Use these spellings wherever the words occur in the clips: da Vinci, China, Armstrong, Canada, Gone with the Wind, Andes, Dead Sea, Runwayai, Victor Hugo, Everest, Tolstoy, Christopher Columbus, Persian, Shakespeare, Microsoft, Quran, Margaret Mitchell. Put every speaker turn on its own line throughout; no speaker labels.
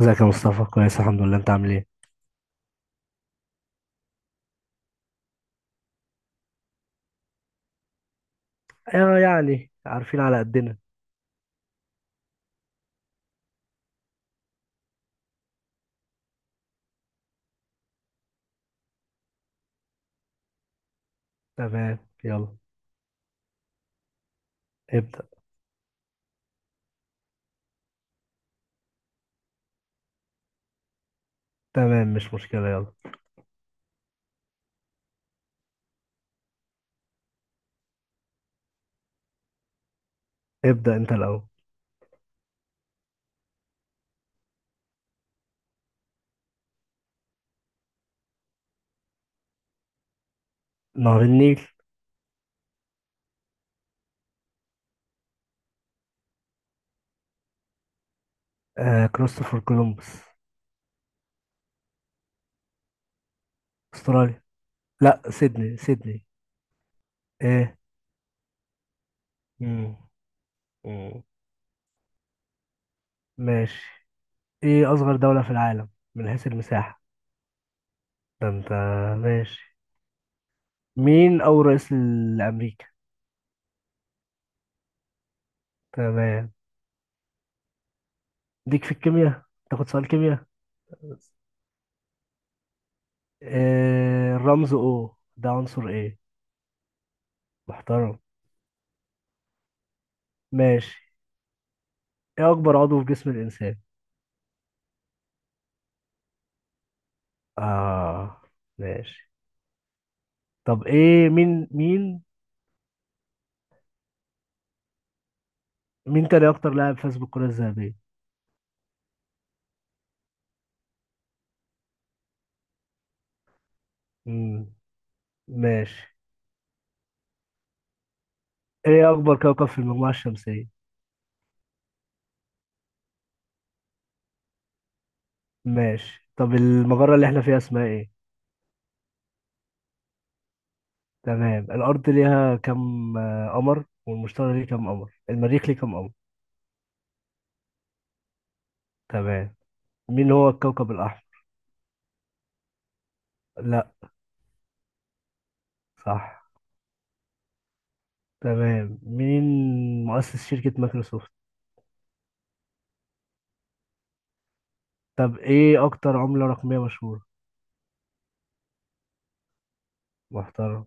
ازيك يا مصطفى؟ كويس الحمد لله، انت عامل ايه؟ آه، يعني عارفين على قدنا. تمام، يلا ابدأ. تمام، مش مشكلة، يلا. ابدأ انت الأول. نهر النيل. آه، كريستوفر كولومبس. استراليا. لا، سيدني سيدني. ايه؟ مم. مم. ماشي. ايه أصغر دولة في العالم من حيث المساحة؟ ده انت. ماشي. مين أول رئيس لأمريكا؟ تمام. ليك في الكيمياء؟ تاخد سؤال كيمياء؟ آه، الرمز او ده عنصر ايه؟ محترم. ماشي. ايه اكبر عضو في جسم الانسان؟ اه. ماشي. طب ايه مين مين تاني اكتر لاعب فاز بالكرة الذهبية؟ امم ماشي. ايه اكبر كوكب في المجموعة الشمسية؟ ماشي. طب المجرة اللي احنا فيها اسمها ايه؟ تمام. الارض ليها كم قمر، والمشتري ليه كم قمر، المريخ ليه كم قمر؟ تمام. مين هو الكوكب الاحمر؟ لا. صح. تمام. مين مؤسس شركة مايكروسوفت؟ طب ايه اكتر عملة رقمية مشهورة؟ محترم.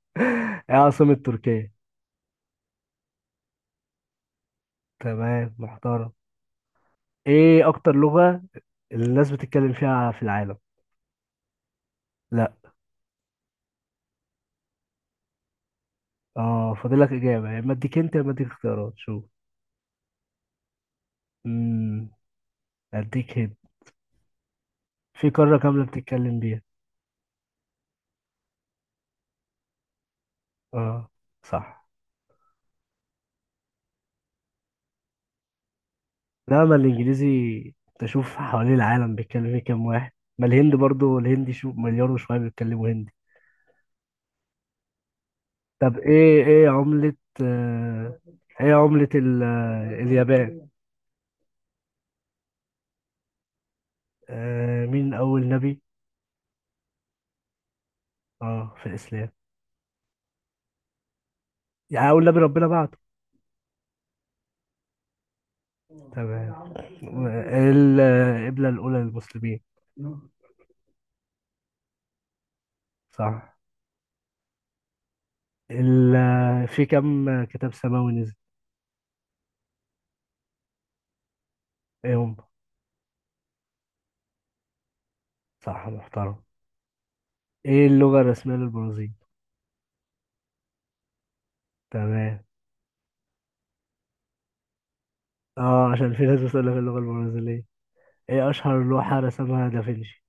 ايه عاصمة تركيا؟ تمام، محترم. ايه اكتر لغة الناس بتتكلم فيها في العالم؟ لا. اه فاضلك اجابة، يا اما اديك انت، يا اما اديك اختيارات، شوف. امم اديك هنا. في قارة كاملة بتتكلم بيها. اه. صح. لا، ما الانجليزي تشوف حوالين العالم بيتكلم فيه كام واحد. ما الهند برضو الهندي شو مليار وشوية بيتكلموا هندي. طب ايه عملة آه اليابان؟ آه، مين اول نبي؟ اه، في الاسلام. يعني أقول نبي ربنا بعته. تمام. القبلة الأولى للمسلمين. صح ال... في كم كتاب سماوي نزل؟ ايه هم؟ صح، محترم. ايه اللغة الرسمية للبرازيل؟ تمام. اه عشان في ناس بتقول لك اللغة البرازيلية. ايه اشهر لوحة رسمها دافنشي؟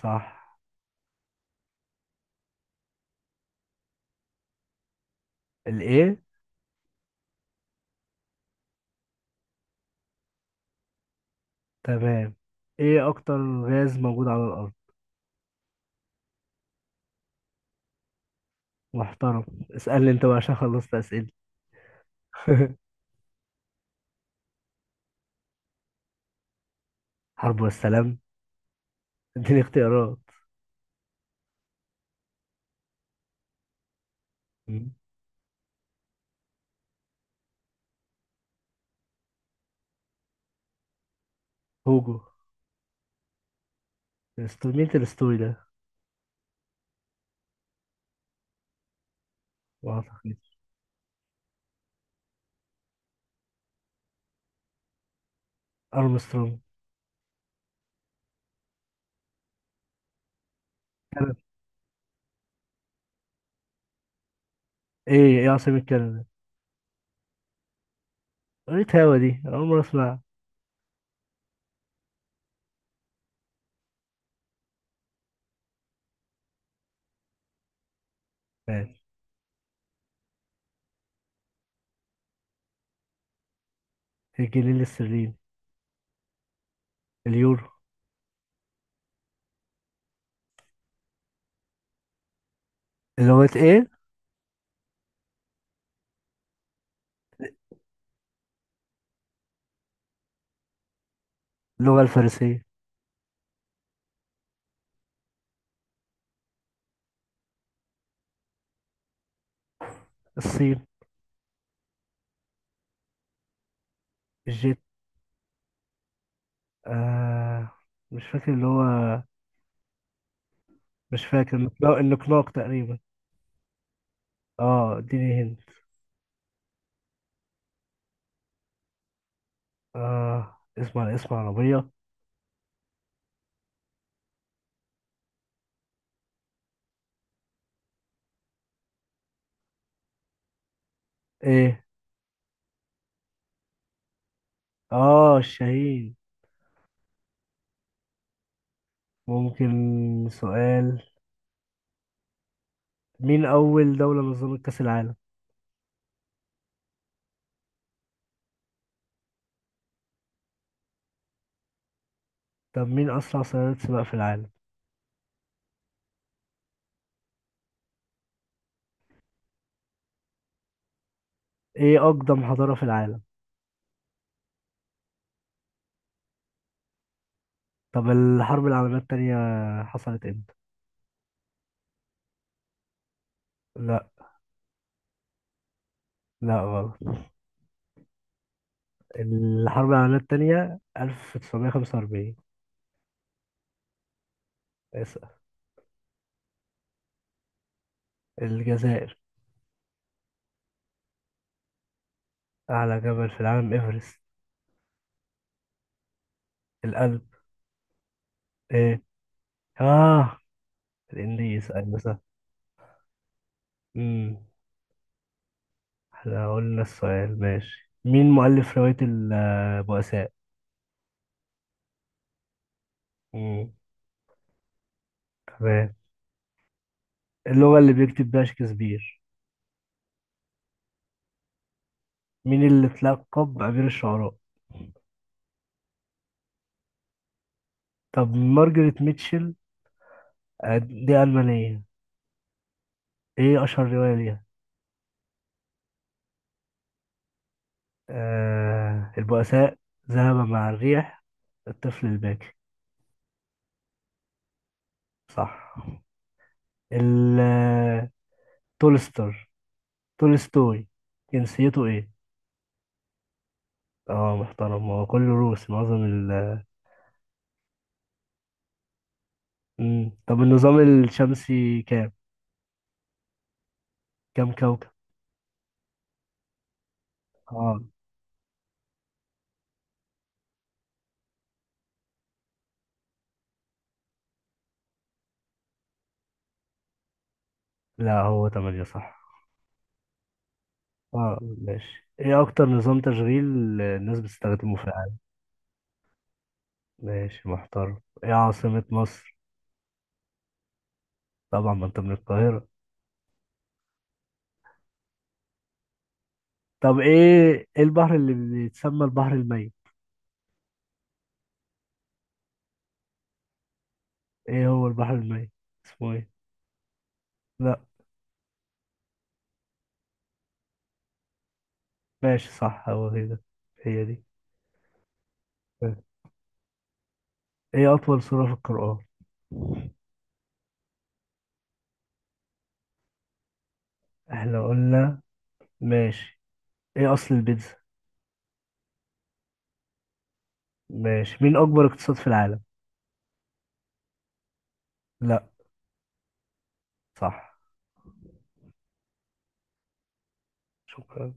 صح. الايه؟ تمام. ايه اكتر غاز موجود على الارض؟ محترم. اسألني انت بقى عشان خلصت اسئلة. حرب والسلام. اديني اختيارات. مم. هوجو. مين الستوري ده؟ ما اعتقدش. ارمسترونج. ايه عاصمة كندا؟ قريت هوا، دي أنا اول مرة اسمعها. ماشي. الجنيه الاسترليني. اليورو. اللغة ايه؟ اللغة الفارسية. الصين. الجيت. آه مش فاكر اللي هو. مش فاكر النقلاق تقريبا. اه، اديني هند. اه، اسم على اسم عربية. ايه. اه، الشهيد. ممكن سؤال. مين أول دولة نظمت كأس العالم؟ طب مين أسرع سيارات سباق في العالم؟ ايه اقدم حضارة في العالم؟ طب الحرب العالمية التانية حصلت امتى؟ لا. لا، غلط. الحرب العالمية التانية 1945. اسأل. الجزائر. أعلى جبل في العالم إيفرست. القلب. إيه. آه، الإنديز، أيوة صح. أمم إحنا قلنا السؤال ماشي. مين مؤلف رواية البؤساء؟ أمم تمام. اللغة اللي بيكتب بيها شكسبير. مين اللي اتلقب بأمير الشعراء؟ طب مارجريت ميتشل. دي ألمانية. ايه اشهر رواية ليها؟ البؤساء، ذهب مع الريح، الطفل الباكي. صح. ال تولستر تولستوي جنسيته ايه؟ اه، محترم، هو كله روسي معظم. مم. طب النظام الشمسي كام كوكب. اه. لا، هو تمانية صح. اه، ماشي. ايه اكتر نظام تشغيل الناس بتستخدمه في العالم؟ ماشي، محترم. ايه عاصمة مصر؟ طبعا ما انت من القاهرة. طب ايه البحر اللي بيتسمى البحر الميت؟ ايه هو البحر الميت اسمه ايه؟ لا. ماشي، صح، هو كده. هي دي. ايه اطول سورة في القرآن؟ احنا قلنا ماشي. ايه اصل البيتزا؟ ماشي، مين اكبر اقتصاد في العالم؟ لا. صح. شكرا.